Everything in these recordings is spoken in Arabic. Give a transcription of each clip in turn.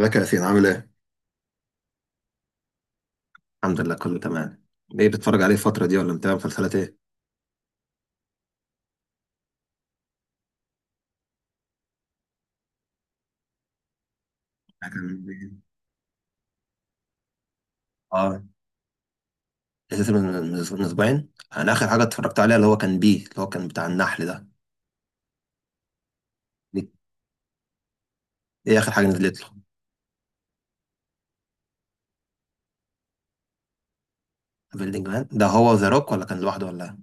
ازيك يا ياسين عامل ايه؟ الحمد لله كله تمام. ايه بتتفرج عليه الفترة دي ولا متابع مسلسلات ايه؟ كان. اه اساسا من اسبوعين. انا اخر حاجة اتفرجت عليها اللي هو كان بي، اللي هو كان بتاع النحل ده. دي- ايه اخر حاجة نزلت له؟ بيلدينج مان ده هو ذا روك ولا كان لوحده ولا؟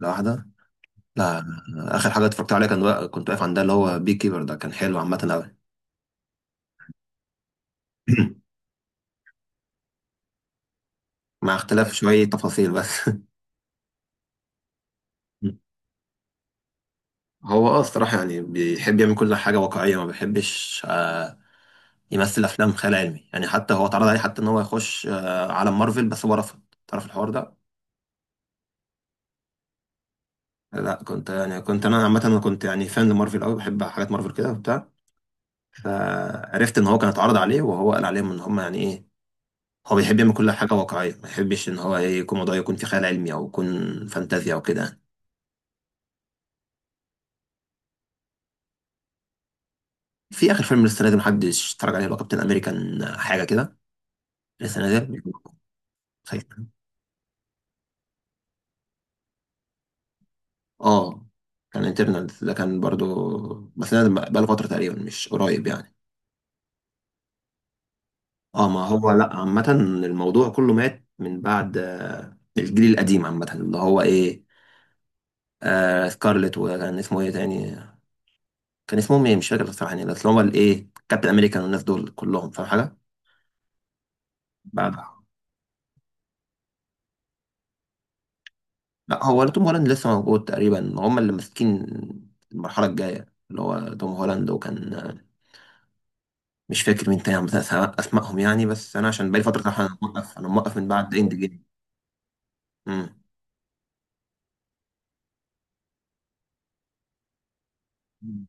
لوحده؟ لا. اخر حاجة اتفرجت عليها كان كنت واقف عند ده اللي هو بي كيبر ده، كان حلو عامة قوي. مع اختلاف شوية تفاصيل بس. هو الصراحة يعني بيحب يعمل كل حاجة واقعية، ما بيحبش يمثل افلام خيال علمي يعني. حتى هو اتعرض عليه، حتى ان هو يخش عالم مارفل، بس هو رفض. تعرف الحوار ده؟ لا، كنت انا عامه، انا كنت يعني فان لمارفل قوي، بحب حاجات مارفل كده وبتاع. فعرفت ان هو كان اتعرض عليه وهو قال عليهم ان هم يعني ايه، هو بيحب يعمل كل حاجه واقعيه ما يحبش ان هو إيه، يكون موضوع يكون في خيال علمي او يكون فانتازيا او كده يعني. في اخر فيلم لسه نازل محدش اتفرج عليه، اللي هو كابتن امريكان حاجه كده، لسه نازل. خايف. اه، كان انترنال ده كان برضو، بس نازل بقاله فتره تقريبا، مش قريب يعني. اه، ما هو لا عامة الموضوع كله مات من بعد الجيل القديم عامة، اللي هو ايه، آه سكارلت، وكان اسمه ايه تاني؟ كان اسمهم ايه مش فاكر الصراحة يعني، بس اللي هو الايه كابتن امريكان والناس دول كلهم، فاهم حاجة؟ بعد. لا هو ولا توم هولاند لسه موجود تقريبا، هم اللي ماسكين المرحلة الجاية، اللي هو توم هولاند وكان مش فاكر مين تاني مثلا، اسمائهم يعني، بس انا عشان بقالي فترة صراحة، انا موقف من بعد اند جيم. مم.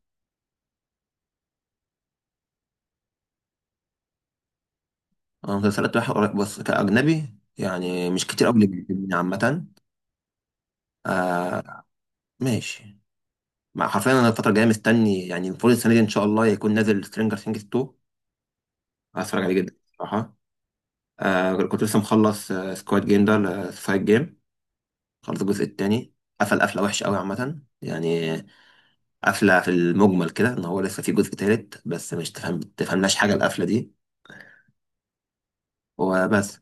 أنا مسلسلات رايحة قريب بس كأجنبي يعني، مش كتير قوي اللي بيعجبني عامة. آه. ماشي. مع حرفيا، أنا الفترة الجاية مستني يعني، المفروض السنة دي إن شاء الله يكون نازل سترينجر ثينجز 2. هتفرج عليه جدا صراحة. آه، كنت لسه مخلص آه سكواد جيم ده، سكواد جيم خلص الجزء التاني. قفل قفلة وحشة قوي عامة يعني، قفلة في المجمل كده إن هو لسه في جزء تالت، بس مش تفهمناش حاجة القفلة دي. وبس.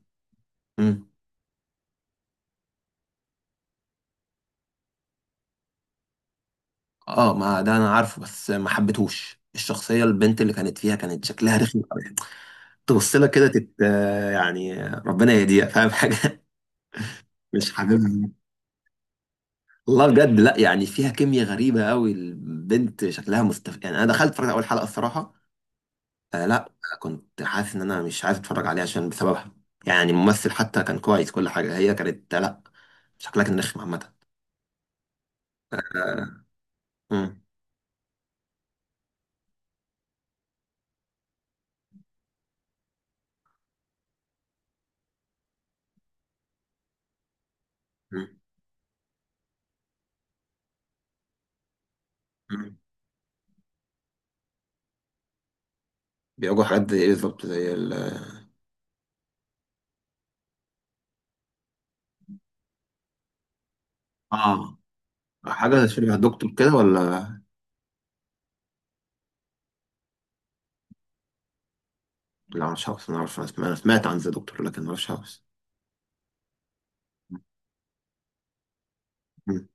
اه، ما ده انا عارفه، بس ما حبيتهوش الشخصيه البنت اللي كانت فيها، كانت شكلها رخم قوي. تبص لها كده تت يعني ربنا يهديها، فاهم حاجه. مش حاببها. والله بجد لا يعني، فيها كيمياء غريبه قوي البنت، شكلها مستف يعني. انا دخلت اتفرجت على اول حلقه الصراحه، آه لا، كنت حاسس ان انا مش عايز اتفرج عليها عشان بسببها يعني. الممثل حتى كان كويس، كل حاجه، هي كانت لا، شكلها كان رخم عامه. آه، مم، مم، مم. بيواجهوا حاجات زي ايه بالظبط؟ زي ال، اه، حاجة شبه دكتور كده ولا؟ لا مش عارف، أنا عارف، أنا سمعت عن ذا دكتور، لكن ما أعرفش هاوس. مم.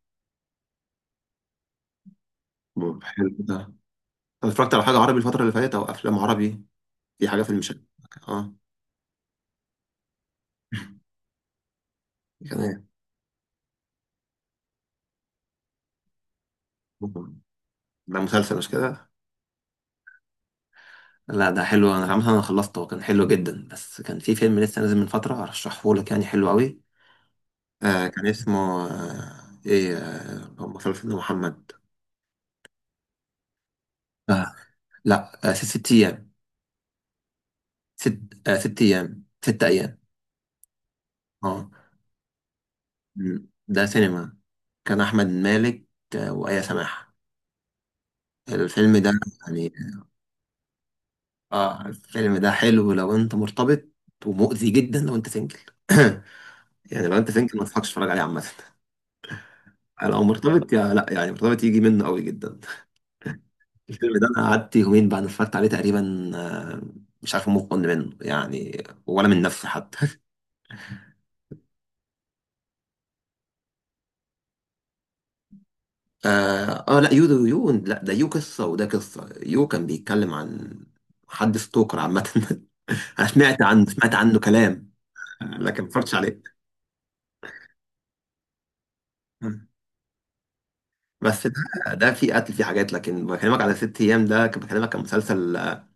طب حلو ده. أنا اتفرجت على حاجة عربي الفترة اللي فاتت، أو أفلام عربي، في حاجة في المشاهد. أه. كان إيه. مم. ده مسلسل مش كده؟ لا ده حلو، أنا مثلا أنا خلصته، كان حلو جدا. بس كان في فيلم لسه نازل من فترة أرشحه لك، يعني حلو أوي. آه، كان اسمه آه إيه، آه مسلسل محمد، آه لا، آه ست ست أيام، ست، آه ست أيام، ست أيام. أه. مم. ده سينما. كان أحمد مالك، وآية سماحة، الفيلم ده، يعني. اه الفيلم ده حلو لو انت مرتبط، ومؤذي جدا لو انت سنجل. يعني لو انت سنجل ما تضحكش تتفرج عليه عامة. لو مرتبط يا لا يعني، مرتبط يجي منه قوي جدا الفيلم ده. انا قعدت يومين بعد ما اتفرجت عليه تقريبا، مش عارف مطمن منه يعني ولا من نفسي حتى. اه، لا، يو ده، يو لا ده يو قصة، وده قصة يو كان بيتكلم عن حد ستوكر عامة. انا سمعت عنه، سمعت عنه كلام، لكن ما اتفرجتش عليه. مم. بس ده، ده في قتل في حاجات، لكن بكلمك على ست ايام ده، كان بكلمك كان مسلسل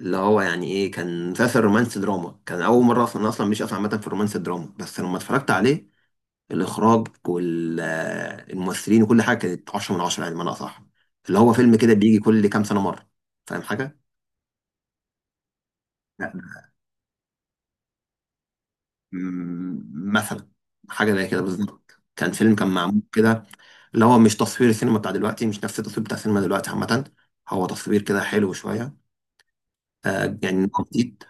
اللي هو يعني ايه، كان مسلسل رومانسي دراما. كان اول مره اصلا، أنا اصلا مش اصلا عامه في الرومانسي دراما، بس لما اتفرجت عليه الاخراج والممثلين وكل حاجه كانت 10 من 10 يعني، بمعنى اصح، اللي هو فيلم كده بيجي كل كام سنه مره، فاهم حاجه؟ لا. مم، مثلا. حاجه زي كده بالظبط، كان فيلم كان معمول كده، اللي هو مش تصوير السينما بتاع دلوقتي، مش نفس التصوير بتاع السينما دلوقتي عامه، هو تصوير كده حلو شويه، يعني جديد.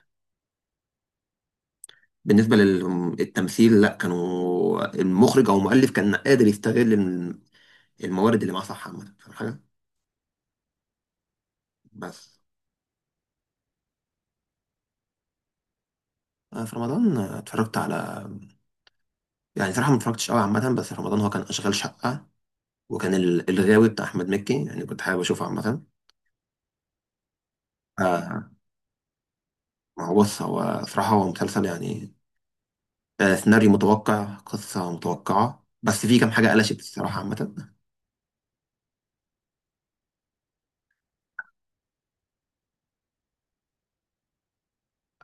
بالنسبة للتمثيل لا، كانوا المخرج أو المؤلف كان قادر يستغل الموارد اللي معاه صح عامة، فاهم حاجة. بس. في رمضان اتفرجت على، يعني صراحة ما اتفرجتش قوي عامة، بس في رمضان هو كان أشغال شقة، وكان الغاوي بتاع أحمد مكي، يعني كنت حابب أشوفه عامة. آه، ما هو بص، هو صراحة هو مسلسل يعني سيناريو متوقع، قصة متوقعة، بس في كام حاجة قلشت الصراحة عامة.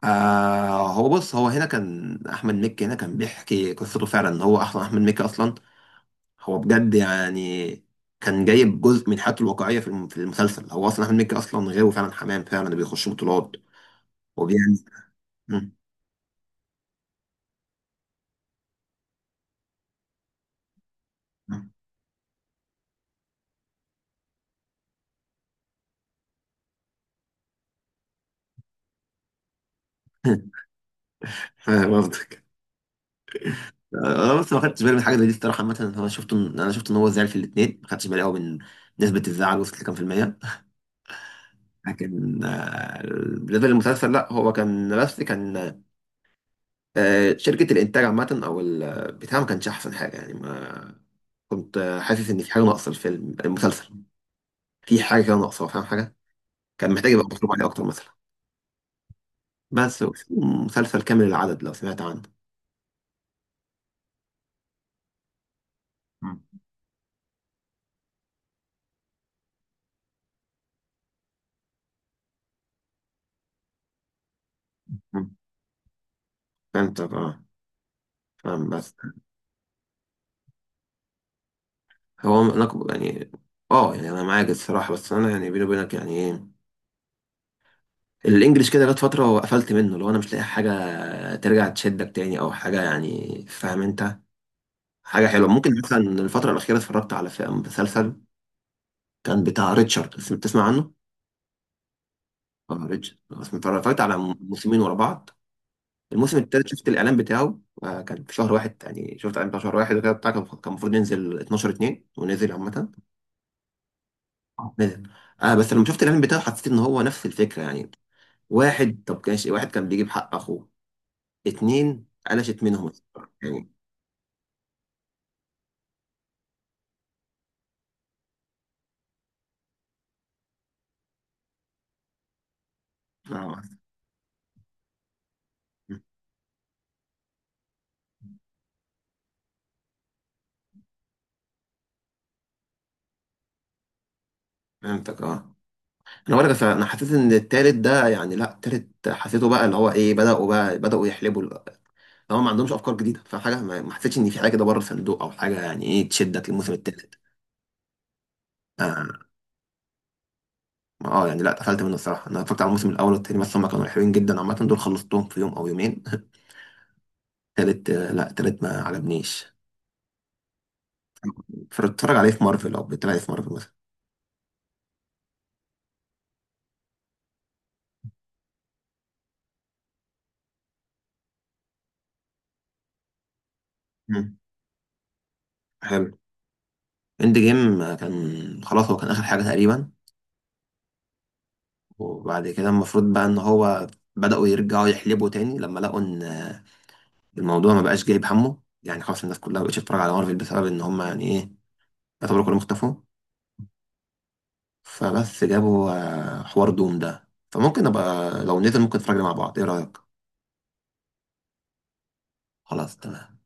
آه، هو بص هو هنا كان احمد مكي، هنا كان بيحكي قصته فعلا، ان هو اصلا احمد مكي اصلا هو بجد يعني. كان جايب جزء من حياته الواقعيه في في المسلسل، هو اصلا احمد مكي اصلا غيره فعلا، حمام فعلا، بيخش بطولات وبيعمل. مم. مم. فاهم قصدك. انا بس ما خدتش بالي من حاجه زي دي الصراحه عامه، انا شفت ان، هو زعل في الاثنين، ما خدتش بالي قوي من نسبه الزعل وصلت لكام في الميه. لكن بالنسبه للمسلسل لا، هو كان بس كان شركة الإنتاج عامة أو البتاع ما كانش أحسن حاجة يعني. ما كنت حاسس إن في حاجة ناقصة الفيلم المسلسل، في حاجة كده ناقصة فاهم حاجة، كان محتاج يبقى مطلوب عليه أكتر مثلا. بس. وفي مسلسل كامل العدد لو سمعت عنه. مم. مم. فهمت اه. فاهم بس. هو أنا يعني، اه يعني أنا معاك الصراحة، بس أنا يعني بيني وبينك يعني إيه، الإنجليش كده جت فترة وقفلت منه، لو أنا مش لاقي حاجة ترجع تشدك تاني أو حاجة يعني، فاهم أنت. حاجة حلوة ممكن مثلا الفترة الأخيرة اتفرجت على مسلسل كان بتاع ريتشارد، تسمع عنه؟ اه ريتشارد اتفرجت على موسمين ورا بعض. الموسم التالت شفت الاعلان بتاعه كان في شهر واحد يعني، شفت الاعلان بتاع شهر واحد وكده بتاع، كان المفروض ينزل 12 2 ونزل عامة. نزل. آه بس لما شفت الاعلان بتاعه حسيت ان هو نفس الفكرة يعني، واحد، طب كانش واحد كان بيجيب حق اخوه، اتنين قلشت منهم يعني. آه، فهمتك اه. انا بقولك انا حسيت ان التالت ده يعني، لا التالت حسيته بقى اللي هو ايه، بدأوا بقى، يحلبوا. هما ما عندهمش افكار جديده، فحاجه ما حسيتش ان في حاجه كده بره الصندوق او حاجه، يعني ايه تشدك للموسم الثالث. اه، يعني لا، اتقفلت منه الصراحه. انا اتفرجت على الموسم الاول والثاني بس، هما كانوا حلوين جدا عامه، دول خلصتهم في يوم او يومين. الثالث لا الثالث ما عجبنيش. فاتفرج عليه في مارفل او بتتفرج عليه في مارفل مثلا؟ مم. حلو. اند جيم كان، خلاص هو كان اخر حاجه تقريبا. وبعد كده المفروض بقى ان هو بداوا يرجعوا يحلبوا تاني، لما لقوا ان الموضوع ما بقاش جايب همه يعني. خلاص الناس كلها ما بقتش تتفرج على مارفل بسبب ان هما يعني ايه، يعتبروا كلهم اختفوا. فبس جابوا حوار دوم ده، فممكن ابقى لو نزل ممكن نتفرج عليه مع بعض، ايه رأيك؟ خلاص تمام.